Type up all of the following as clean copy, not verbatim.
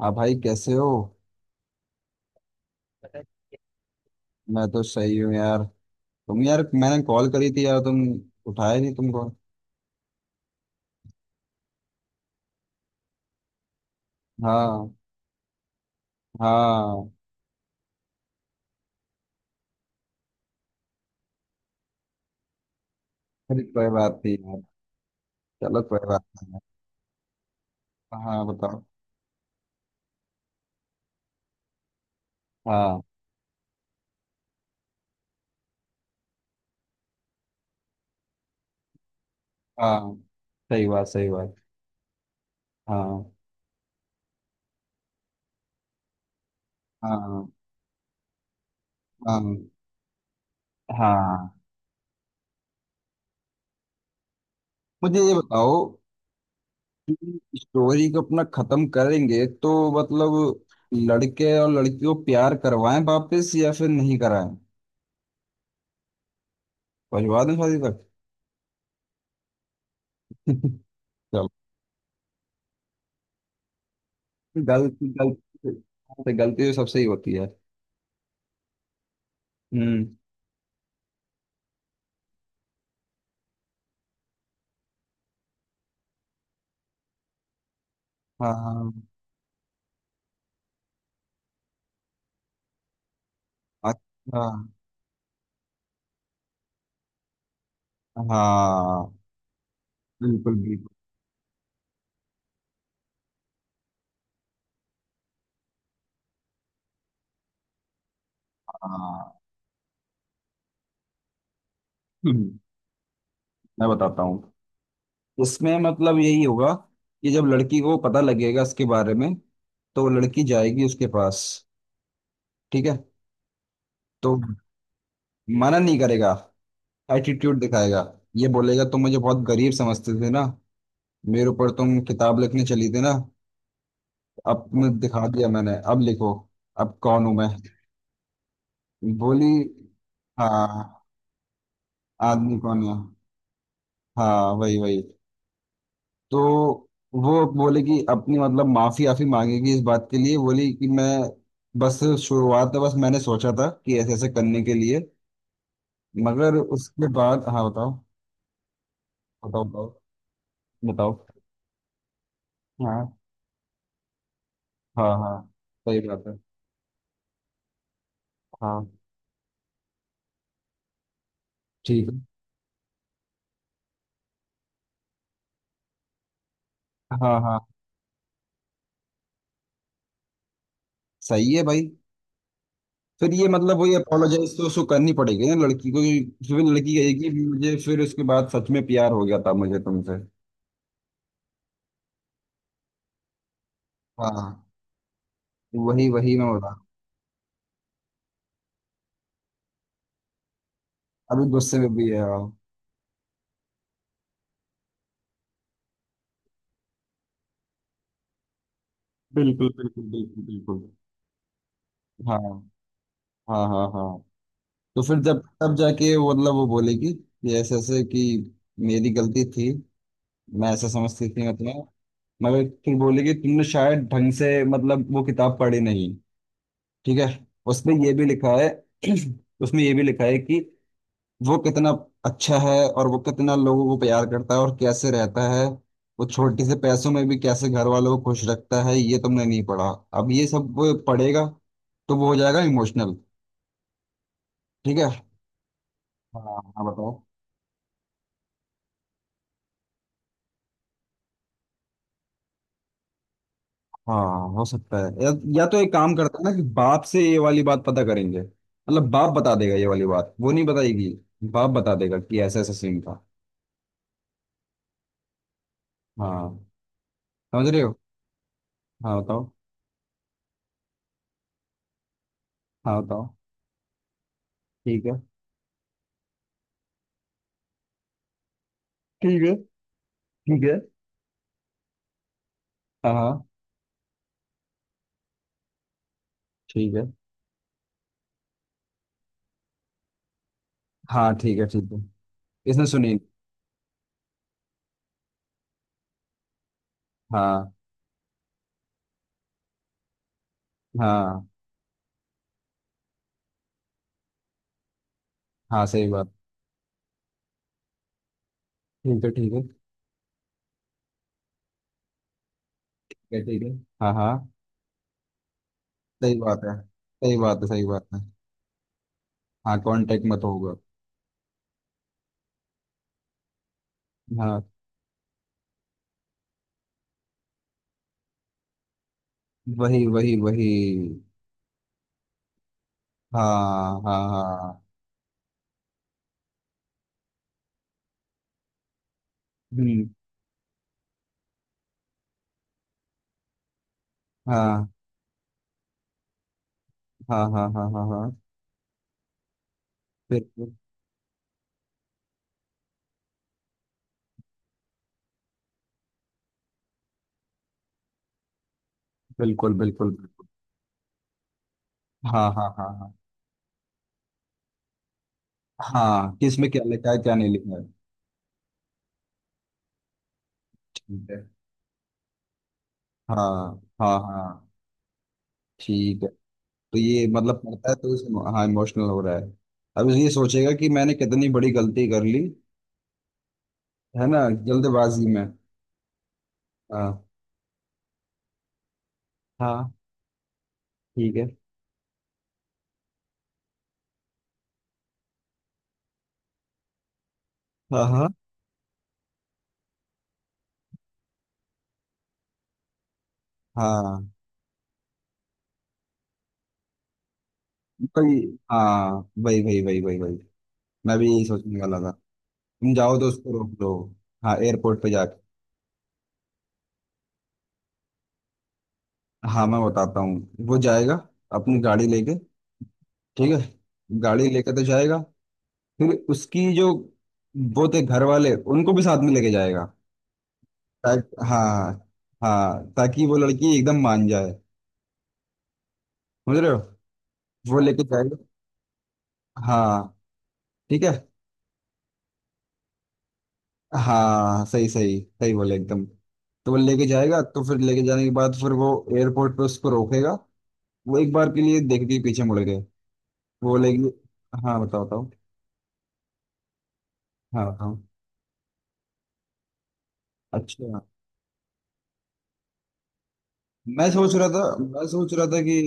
हाँ भाई, कैसे हो। मैं तो सही हूँ यार। तुम यार, मैंने कॉल करी थी यार, तुम उठाए नहीं तुमको। हाँ। हाँ, अरे कोई बात नहीं यार। चलो कोई बात नहीं। यार हाँ बताओ। हाँ। हाँ, सही बात, सही बात। हाँ। हाँ। हाँ। हाँ, मुझे ये बताओ कि स्टोरी को अपना खत्म करेंगे तो, मतलब लड़के और लड़की को प्यार करवाएं वापस या फिर नहीं कराएं। पहुंचवा दें शादी तक। गलती, गलती पे गलती तो सबसे ही होती है। हम्म हाँ। हाँ, अच्छा। हाँ, बिल्कुल बिल्कुल। हाँ। हम्म, मैं बताता हूँ। इसमें मतलब यही होगा कि जब लड़की को पता लगेगा इसके बारे में तो वो लड़की जाएगी उसके पास। ठीक है। तो मना नहीं करेगा, एटीट्यूड दिखाएगा। ये बोलेगा तुम मुझे बहुत गरीब समझते थे ना। मेरे ऊपर तुम किताब लिखने चली थी ना। अब तुमने दिखा दिया, मैंने अब लिखो। अब कौन हूं मैं। बोली। हाँ। आदमी कौन है। हाँ, वही वही। तो वो बोले कि अपनी, मतलब माफी आफी मांगेगी इस बात के लिए। बोली कि मैं बस, शुरुआत में बस मैंने सोचा था कि ऐसे ऐसे करने के लिए, मगर उसके बाद। हाँ बताओ। बताओ बताओ। बताओ। हाँ हाँ। हाँ, सही बात है। हाँ, ठीक है। हाँ हाँ। सही है भाई। फिर ये, मतलब वही अपोलोजाइज तो उसको करनी पड़ेगी ना लड़की को, क्योंकि फिर लड़की कहेगी मुझे, फिर उसके बाद सच में प्यार हो गया था मुझे तुमसे। हाँ, वही वही मैं बता। अभी गुस्से में भी है हाँ। बिल्कुल बिल्कुल बिल्कुल बिल्कुल। हाँ हाँ हाँ। हाँ, तो फिर जब तब जाके वो, मतलब वो बोलेगी कि ऐसे ऐसे कि मेरी गलती थी। मैं ऐसा समझती थी, मतलब। मगर फिर बोलेगी तुमने शायद ढंग से, मतलब वो किताब पढ़ी नहीं। ठीक है। उसमें ये भी लिखा है। उसमें ये भी लिखा है कि वो कितना अच्छा है, और वो कितना लोगों को प्यार करता है और कैसे रहता है। वो छोटे से पैसों में भी कैसे घर वालों को खुश रखता है, ये तुमने नहीं पढ़ा। अब ये सब वो पढ़ेगा तो वो हो जाएगा इमोशनल। ठीक है। हाँ हाँ बताओ। हाँ हो सकता है, या तो एक काम करता है ना कि बाप से ये वाली बात पता करेंगे, मतलब बाप बता देगा ये वाली बात, वो नहीं बताएगी। बाप बता देगा कि ऐसा ऐसा सीन था। हाँ, समझ रहे हो। हाँ बताओ। हाँ बताओ। ठीक है, ठीक है, ठीक है। हाँ हाँ, ठीक है। हाँ, ठीक है ठीक है। इसने सुनील। हाँ। हाँ हाँ, सही बात। ठीक है, ठीक है, ठीक है, ठीक है। हाँ हाँ, सही बात है, सही बात है, सही बात है। हाँ, कांटेक्ट मत होगा। हाँ, वही वही वही। हाँ हाँ हाँ। हम्म हाँ। हाँ हाँ हाँ हाँ हाँ। बिल्कुल बिल्कुल बिल्कुल बिल्कुल। हाँ हाँ हाँ हाँ। हाँ, किस में क्या लिखा है क्या नहीं लिखा है। ठीक है। हाँ हाँ हाँ। ठीक है। तो ये मतलब पढ़ता है तो इस। हाँ इमोशनल हो रहा है। अब ये सोचेगा कि मैंने कितनी बड़ी गलती कर ली, है ना। जल्दबाजी में। हाँ। हाँ, ठीक है। हाँ हाँ हाँ। कोई। हाँ, वही वही वही वही वही। मैं भी यही सोचने वाला था। तुम जाओ तो उसको रोक दो। हाँ एयरपोर्ट पे जाके। हाँ मैं बताता हूँ, वो जाएगा अपनी गाड़ी लेके। ठीक है, गाड़ी लेके तो जाएगा। फिर उसकी जो वो थे घर वाले, उनको भी साथ में लेके जाएगा, ताकि हाँ। हाँ, ताकि वो लड़की एकदम मान जाए। समझ रहे हो, वो लेके जाएगा। हाँ। ठीक है। हाँ, सही सही सही बोले एकदम। तो वो लेके जाएगा, तो फिर लेके जाने के बाद फिर वो एयरपोर्ट पे उसको रोकेगा। वो एक बार के लिए देख के पीछे मुड़ गए, वो लेके। हाँ बताओ बताओ। हाँ बताओ। अच्छा, मैं सोच रहा था, मैं सोच रहा था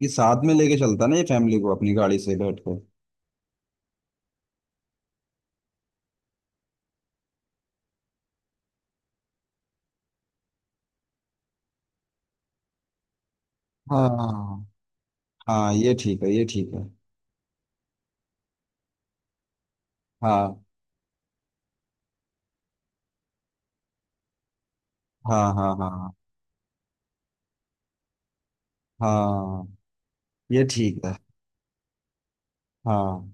कि साथ में लेके चलता ना ये फैमिली को, अपनी गाड़ी से बैठ कर। हाँ हाँ, ये ठीक है, ये ठीक है। हाँ हाँ हाँ। हाँ हाँ, ये ठीक है। हाँ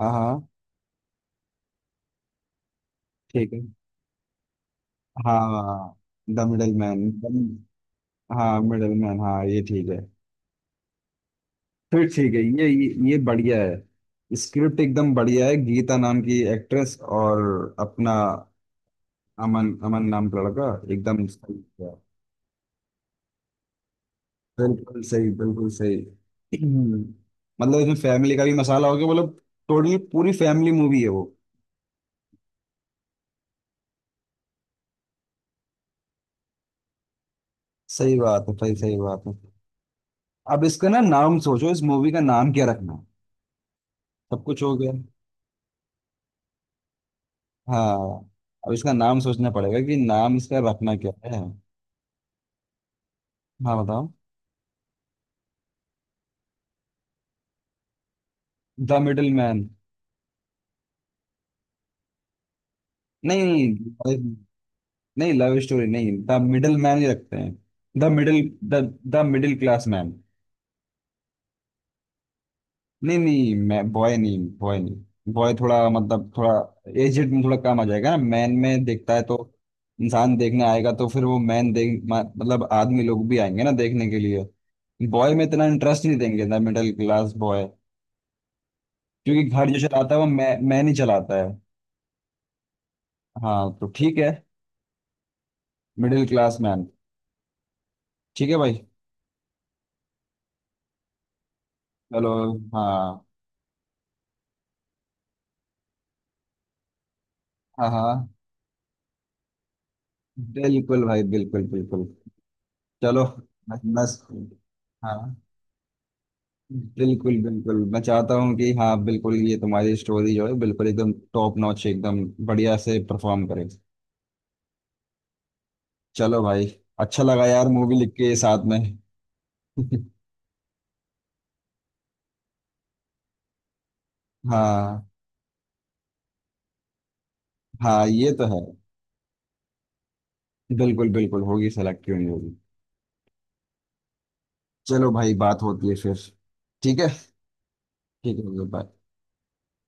हाँ हाँ, ठीक है। हाँ। The middle man. हाँ, मिडलमैन, हाँ, ये ठीक है। फिर ठीक है, ये बढ़िया है। स्क्रिप्ट एकदम बढ़िया है। गीता नाम की एक्ट्रेस और अपना अमन, अमन नाम का लड़का। एकदम सही किया। बिल्कुल सही, बिल्कुल सही। मतलब इसमें फैमिली का भी मसाला हो गया। मतलब टोटली पूरी फैमिली मूवी है वो। सही बात है, सही सही बात है। अब इसका ना नाम सोचो, इस मूवी का नाम क्या रखना है? सब कुछ हो गया। हाँ, अब इसका नाम सोचना पड़ेगा कि नाम इसका रखना क्या है। हाँ बताओ। The middle man. नहीं। नहीं, नहीं लव स्टोरी नहीं, द मिडिल मैन ही रखते हैं। The middle. The, the middle class man. नहीं नहीं मैं बॉय नहीं, बॉय नहीं, बॉय थोड़ा, मतलब थोड़ा एजेड में थोड़ा कम आ जाएगा ना। मैन में देखता है तो इंसान देखने आएगा, तो फिर वो मैन देख मतलब आदमी लोग भी आएंगे ना देखने के लिए। बॉय में इतना इंटरेस्ट नहीं देंगे, द मिडिल क्लास बॉय। क्योंकि घर जो चलाता है, वो मैं मैन ही चलाता है। हाँ, तो ठीक है, मिडिल क्लास मैन। ठीक है भाई। चलो। हाँ। हाँ हाँ, बिल्कुल भाई, बिल्कुल बिल्कुल। चलो। बस बस। हाँ, बिल्कुल बिल्कुल, मैं चाहता हूँ कि, हाँ बिल्कुल, ये तुम्हारी स्टोरी जो है बिल्कुल एकदम टॉप नॉच एकदम बढ़िया से परफॉर्म करे। चलो भाई। अच्छा लगा यार मूवी लिख के साथ में। हाँ। हाँ, ये तो है। बिल्कुल बिल्कुल होगी सेलेक्ट, क्यों नहीं होगी। चलो भाई, बात होती है फिर। ठीक है। ठीक है, बाय।